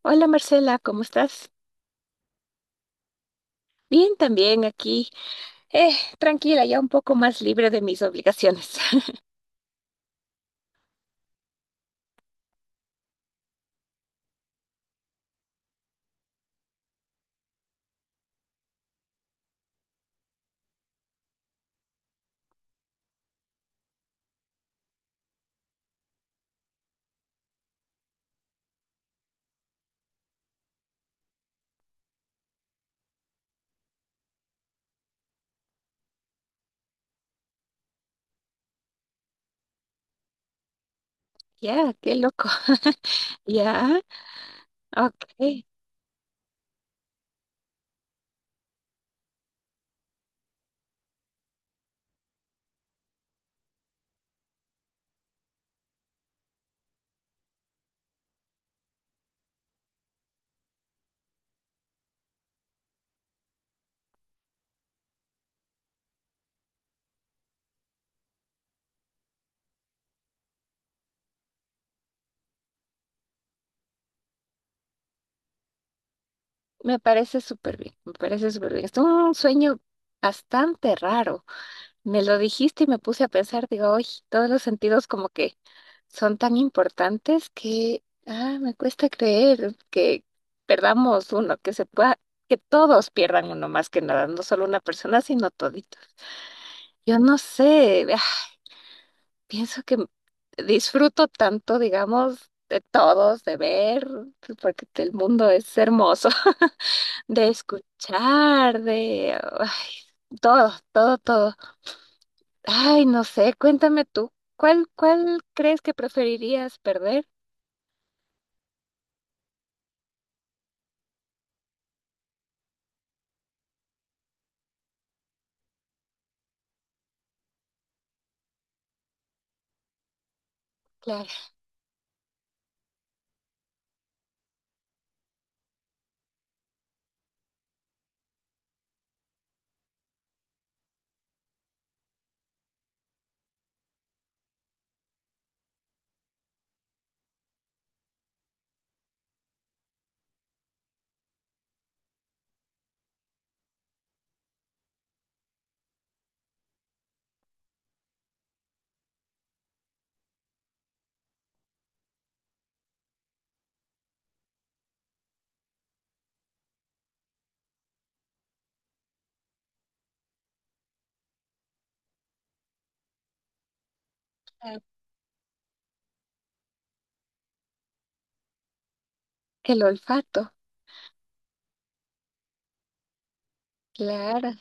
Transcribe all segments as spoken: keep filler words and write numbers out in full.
Hola Marcela, ¿cómo estás? Bien, también aquí. Eh, tranquila, ya un poco más libre de mis obligaciones. Ya, qué loco. Ya, ok. Me parece súper bien, me parece súper bien. Es un sueño bastante raro. Me lo dijiste y me puse a pensar, digo, hoy todos los sentidos como que son tan importantes que, ah, me cuesta creer que perdamos uno, que se pueda, que todos pierdan uno más que nada, no solo una persona, sino toditos. Yo no sé, ah, pienso que disfruto tanto, digamos, de todos, de ver, porque el mundo es hermoso, de escuchar, de ay, todo, todo, todo. Ay, no sé, cuéntame tú, ¿cuál, cuál crees que preferirías perder? Claro, el olfato. Claro,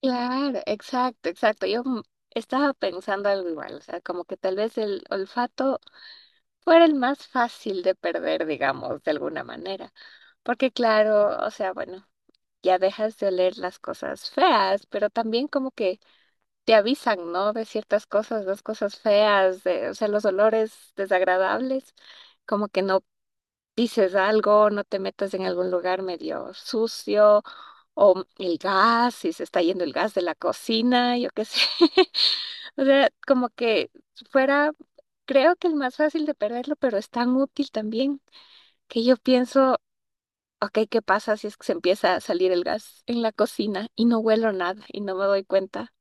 claro, exacto, exacto. Yo mm, estaba pensando algo igual, o sea, como que tal vez el olfato fuera el más fácil de perder, digamos, de alguna manera. Porque claro, o sea, bueno, ya dejas de oler las cosas feas, pero también como que te avisan, ¿no? De ciertas cosas, las cosas feas, de, o sea, los olores desagradables, como que no pises algo, no te metas en algún lugar medio sucio, o el gas, si se está yendo el gas de la cocina, yo qué sé. O sea, como que fuera, creo que el más fácil de perderlo, pero es tan útil también que yo pienso, ok, ¿qué pasa si es que se empieza a salir el gas en la cocina y no huelo nada y no me doy cuenta?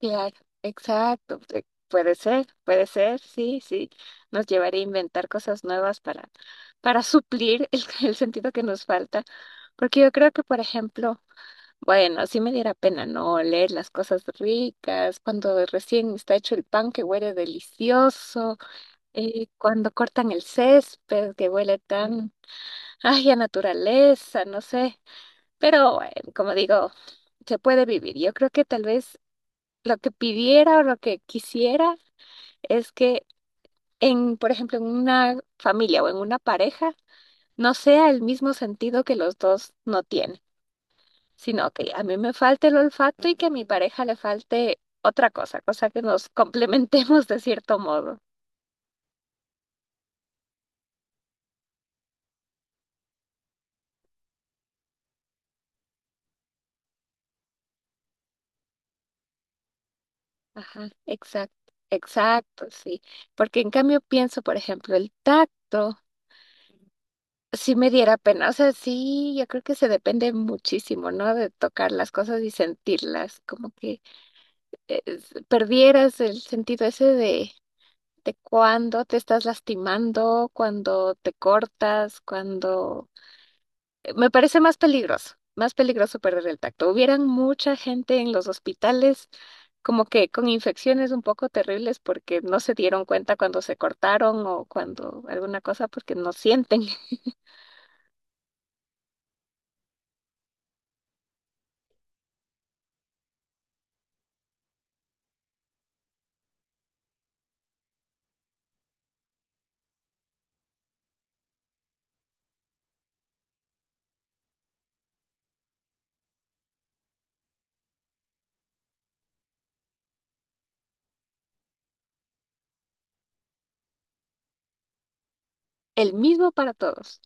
Claro, exacto. eh, Puede ser, puede ser, sí, sí. Nos llevaría a inventar cosas nuevas para, para suplir el, el sentido que nos falta. Porque yo creo que, por ejemplo, bueno, sí me diera pena no oler las cosas ricas, cuando recién está hecho el pan que huele delicioso, eh, cuando cortan el césped que huele tan Ay, a naturaleza, no sé. Pero bueno, como digo, se puede vivir. Yo creo que tal vez lo que pidiera o lo que quisiera es que en, por ejemplo, en una familia o en una pareja, no sea el mismo sentido que los dos no tienen, sino que a mí me falte el olfato y que a mi pareja le falte otra cosa, cosa que nos complementemos de cierto modo. Ajá, exacto, exacto, sí. Porque en cambio pienso, por ejemplo, el tacto. Sí me diera pena. O sea, sí, yo creo que se depende muchísimo, ¿no? De tocar las cosas y sentirlas, como que eh, s- perdieras el sentido ese de, de cuando te estás lastimando, cuando te cortas, cuando... eh, Me parece más peligroso, más peligroso perder el tacto. Hubieran mucha gente en los hospitales como que con infecciones un poco terribles porque no se dieron cuenta cuando se cortaron o cuando alguna cosa porque no sienten el mismo para todos.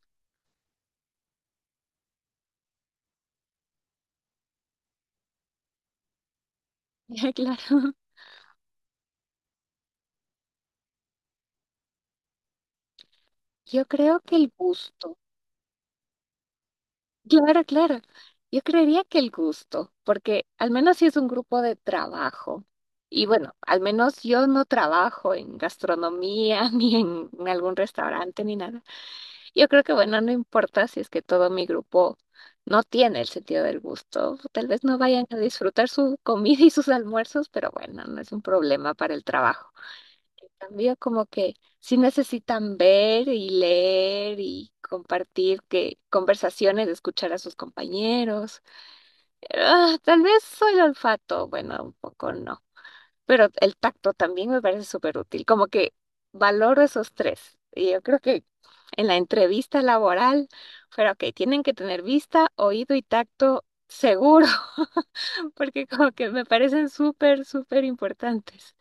Claro, yo creo que el gusto, claro, claro, yo creería que el gusto, porque al menos si es un grupo de trabajo, y bueno, al menos yo no trabajo en gastronomía ni en, en algún restaurante ni nada, yo creo que bueno, no importa si es que todo mi grupo no tiene el sentido del gusto, tal vez no vayan a disfrutar su comida y sus almuerzos, pero bueno, no es un problema para el trabajo. Cambio, como que sí necesitan ver y leer y compartir que conversaciones, escuchar a sus compañeros. Ah, tal vez soy el olfato, bueno, un poco no, pero el tacto también me parece súper útil, como que valoro esos tres. Y yo creo que en la entrevista laboral, pero ok, tienen que tener vista, oído y tacto seguro, porque como que me parecen súper, súper importantes.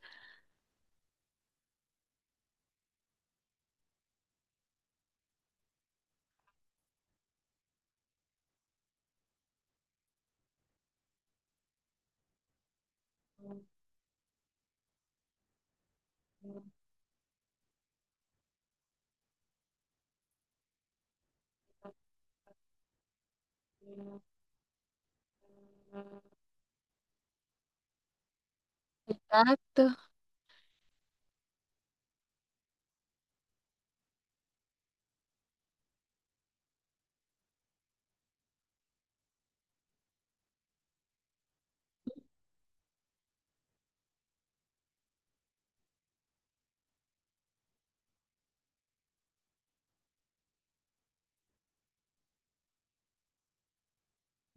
El tacto,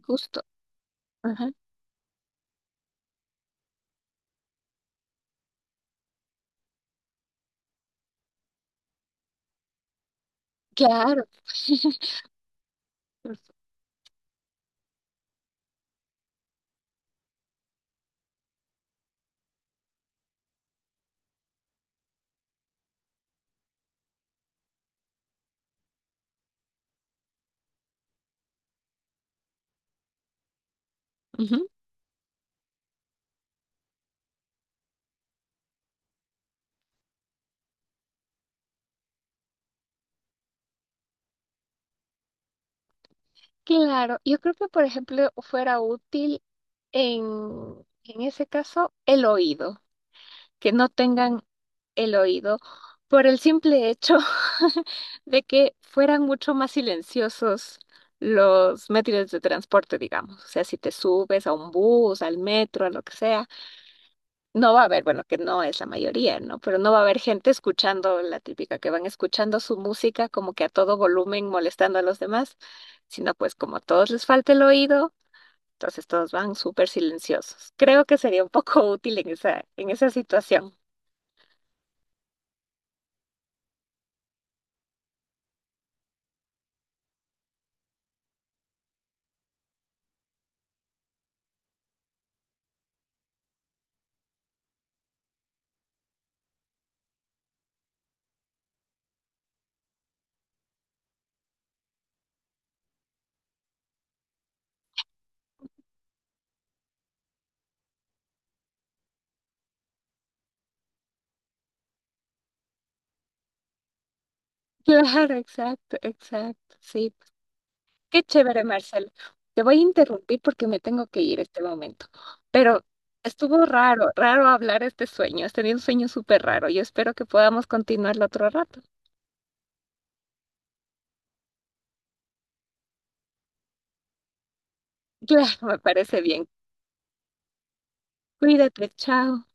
justo. Claro. Ujú. Claro, yo creo que por ejemplo fuera útil en, en ese caso el oído, que no tengan el oído por el simple hecho de que fueran mucho más silenciosos los métodos de transporte, digamos. O sea, si te subes a un bus, al metro, a lo que sea no va a haber, bueno, que no es la mayoría, ¿no? Pero no va a haber gente escuchando la típica, que van escuchando su música como que a todo volumen molestando a los demás, sino pues como a todos les falta el oído, entonces todos van súper silenciosos. Creo que sería un poco útil en esa, en esa situación. Claro, exacto, exacto, sí. Qué chévere, Marcelo. Te voy a interrumpir porque me tengo que ir este momento, pero estuvo raro, raro hablar este sueño. Has tenido un sueño súper raro. Yo espero que podamos continuarlo otro rato. Claro, me parece bien. Cuídate, chao.